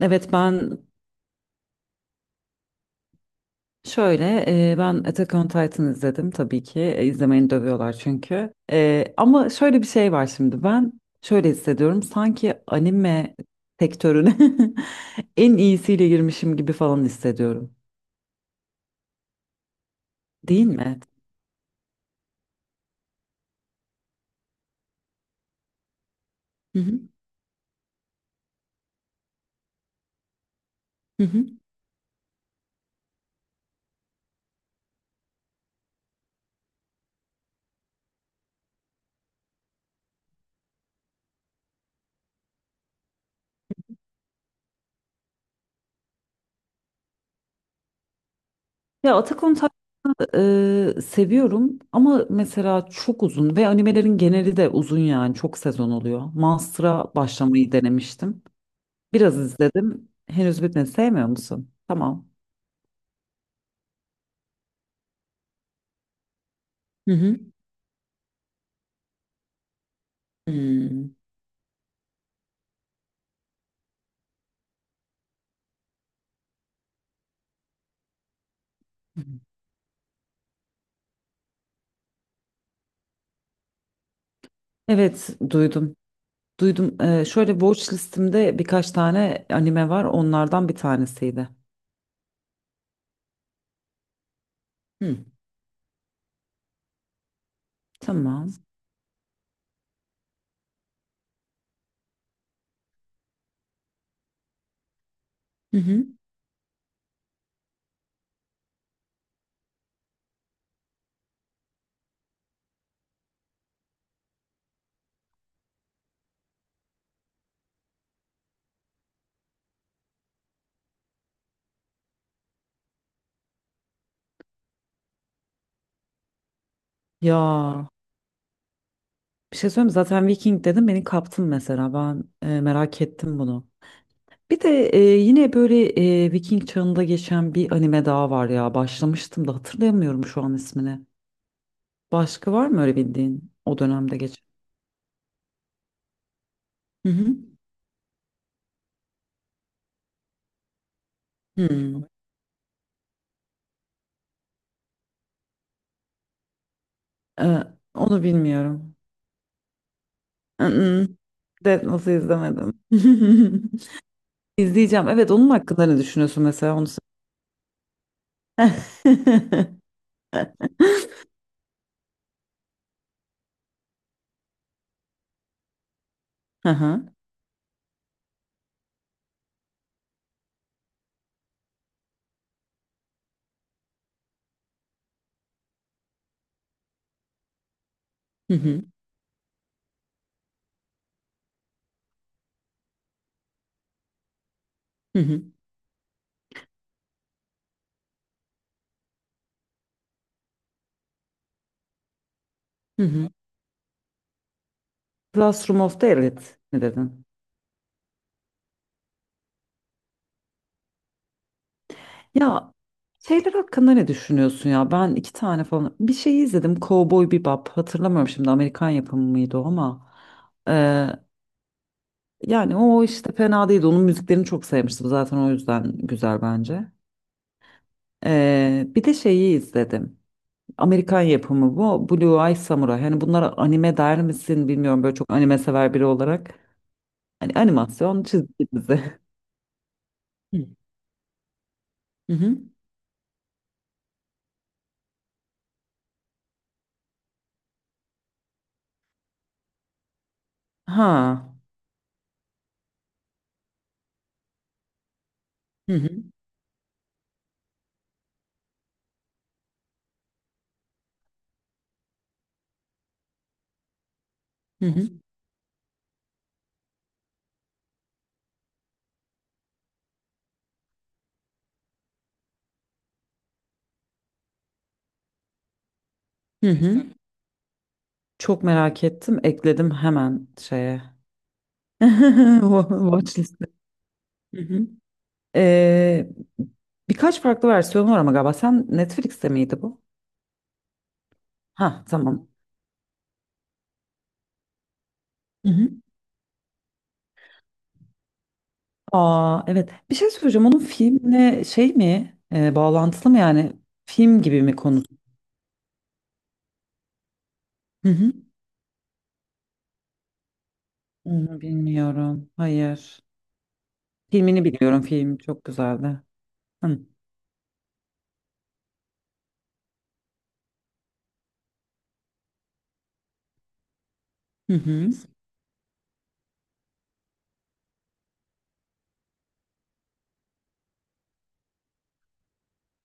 Evet, şöyle ben Attack on Titan izledim, tabii ki. İzlemeni dövüyorlar çünkü... ama şöyle bir şey var şimdi. Ben şöyle hissediyorum, sanki anime sektörüne en iyisiyle girmişim gibi falan hissediyorum, değil mi? Hı hı. Hı hı. Ya, Attack on Titan seviyorum ama mesela çok uzun ve animelerin geneli de uzun, yani çok sezon oluyor. Monster'a başlamayı denemiştim. Biraz izledim. Henüz bitmedi. Sevmiyor musun? Tamam. Hı hı. Hmm. Evet, duydum. Duydum. Şöyle, watch listemde birkaç tane anime var. Onlardan bir tanesiydi. Hı. Tamam. Hı hı. Ya, bir şey söyleyeyim mi? Zaten Viking dedim, beni kaptın mesela. Ben merak ettim bunu. Bir de yine böyle Viking çağında geçen bir anime daha var ya. Başlamıştım da hatırlayamıyorum şu an ismini. Başka var mı öyle bildiğin o dönemde geçen? Hı hı. Hmm. Ee, Onu bilmiyorum. Mm-mm. Death Note'u izlemedim. İzleyeceğim. Evet, onun hakkında ne düşünüyorsun mesela, onu söyle. Aha. Hı hı. Hı hı. Hı hı. Classroom of the Elite mi dedin? Ya, şeyler hakkında ne düşünüyorsun ya? Ben iki tane falan bir şey izledim. Cowboy Bebop. Hatırlamıyorum şimdi, Amerikan yapımı mıydı o ama. Ee, Yani o işte fena değildi. Onun müziklerini çok sevmiştim zaten, o yüzden güzel bence. Bir de şeyi izledim. Amerikan yapımı bu. Blue Eye Samurai. Hani bunlara anime der misin bilmiyorum, böyle çok anime sever biri olarak. Hani, animasyon çizgi dizi. Hı hı. Hı. Ha. Hı hı. Hı hı. Hı hı. Çok merak ettim. Ekledim hemen şeye. Watch liste. Hı hı. Ee, Birkaç farklı versiyonu var ama galiba. Sen Netflix'te miydi bu? Ha, tamam. Hı hı. Aa, evet. Bir şey söyleyeceğim. Onun filmle şey mi, bağlantılı mı yani? Film gibi mi konu? Hı hı. Onu bilmiyorum. Hayır. Filmini biliyorum. Film çok güzeldi. Hı hı. Hı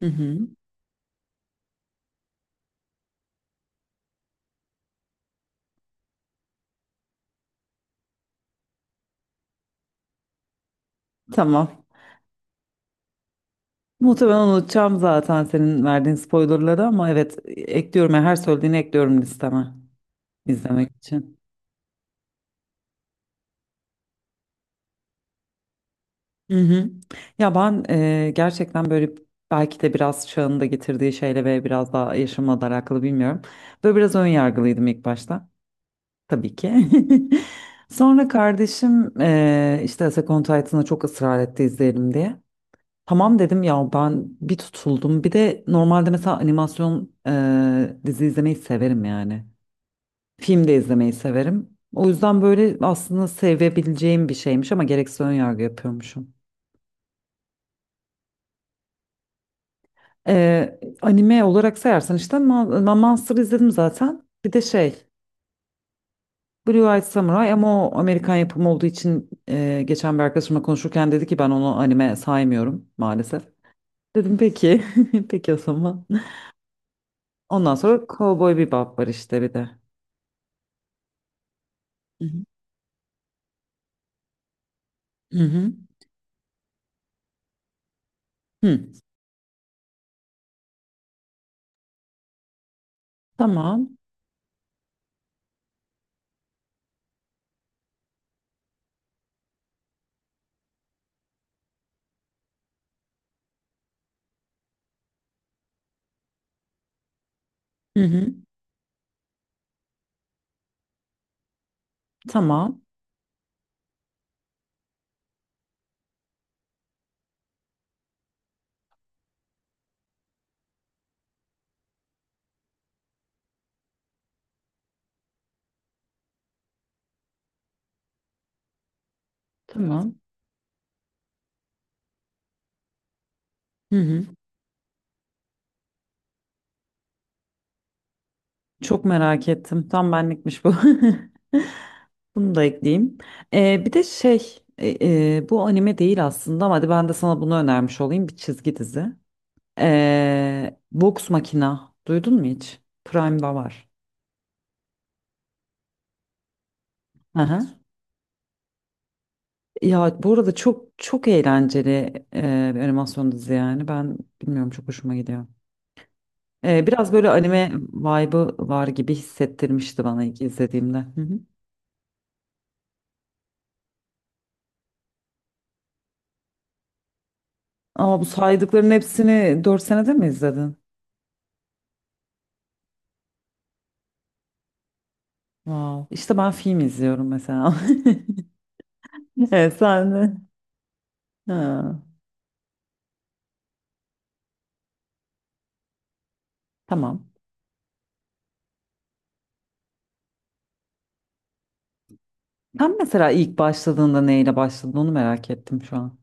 hı. Hı. Tamam. Muhtemelen unutacağım zaten senin verdiğin spoilerları ama evet, ekliyorum. Yani her söylediğini ekliyorum listeme, izlemek için. Hı hı. Ya ben gerçekten böyle, belki de biraz çağın da getirdiği şeyle ve biraz daha yaşımla da alakalı, bilmiyorum. Böyle biraz ön yargılıydım ilk başta. Tabii ki. Sonra kardeşim işte Attack on Titan'a çok ısrar etti izleyelim diye. Tamam dedim ya, ben bir tutuldum. Bir de normalde mesela animasyon dizi izlemeyi severim yani. Film de izlemeyi severim. O yüzden böyle aslında sevebileceğim bir şeymiş ama gereksiz ön yargı yapıyormuşum. Anime olarak sayarsan işte Monster izledim zaten. Bir de şey, Blue Eyed Samurai, ama o Amerikan yapımı olduğu için geçen bir arkadaşımla konuşurken dedi ki ben onu anime saymıyorum maalesef. Dedim peki. Peki, o zaman. Ondan sonra Cowboy Bebop var işte bir de. Hı hı. Hı hı. Hı. Tamam. Hı hı. Tamam. Tamam. Hı hı. Çok merak ettim. Tam benlikmiş bu. Bunu da ekleyeyim. Bir de şey, bu anime değil aslında ama hadi ben de sana bunu önermiş olayım, bir çizgi dizi. Box Makina. Duydun mu hiç? Prime'da var. Hı hı. Ya, bu arada çok çok eğlenceli bir animasyon dizi yani. Ben bilmiyorum, çok hoşuma gidiyor. Biraz böyle anime vibe'ı var gibi hissettirmişti bana ilk izlediğimde. Hı hı. Ama bu saydıkların hepsini 4 senede mi izledin? Wow. İşte ben film izliyorum mesela. Evet, sen de. Ha, tamam. Sen mesela ilk başladığında neyle başladın, onu merak ettim şu an.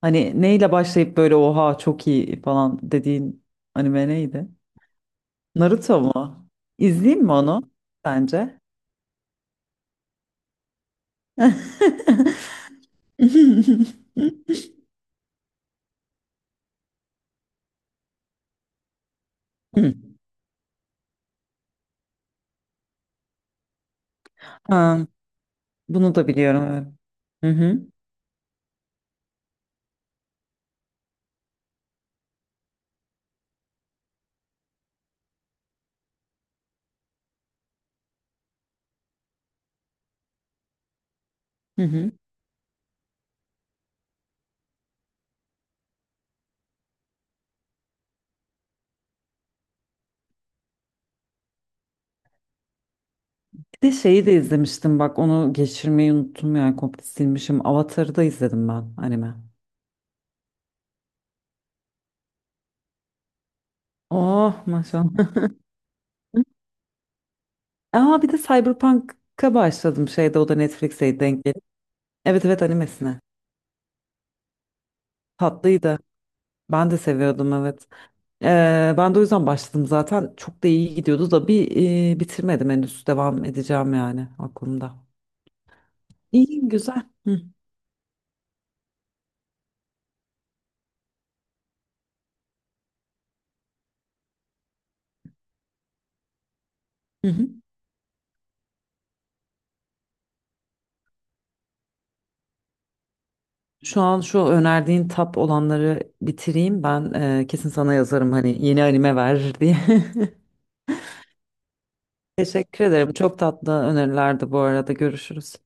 Hani neyle başlayıp böyle oha çok iyi falan dediğin anime neydi? Naruto mu? İzleyeyim mi onu sence? Ha, bunu da biliyorum. Evet. Hı hı. Hı hı. Bir de şeyi de izlemiştim bak, onu geçirmeyi unuttum, yani komple silmişim. Avatar'ı da izledim, ben, anime. Oh, maşallah. Aa, bir de Cyberpunk'a başladım şeyde, o da Netflix'e denk gelip. Evet, evet, animesine. Tatlıydı. Ben de seviyordum, evet. Ben de o yüzden başladım zaten. Çok da iyi gidiyordu da bitirmedim henüz. Devam edeceğim yani, aklımda. İyi, güzel. Hı. Hı hı. Şu an şu önerdiğin tap olanları bitireyim. Ben kesin sana yazarım hani yeni anime ver diye. Teşekkür ederim. Çok tatlı önerilerdi bu arada. Görüşürüz.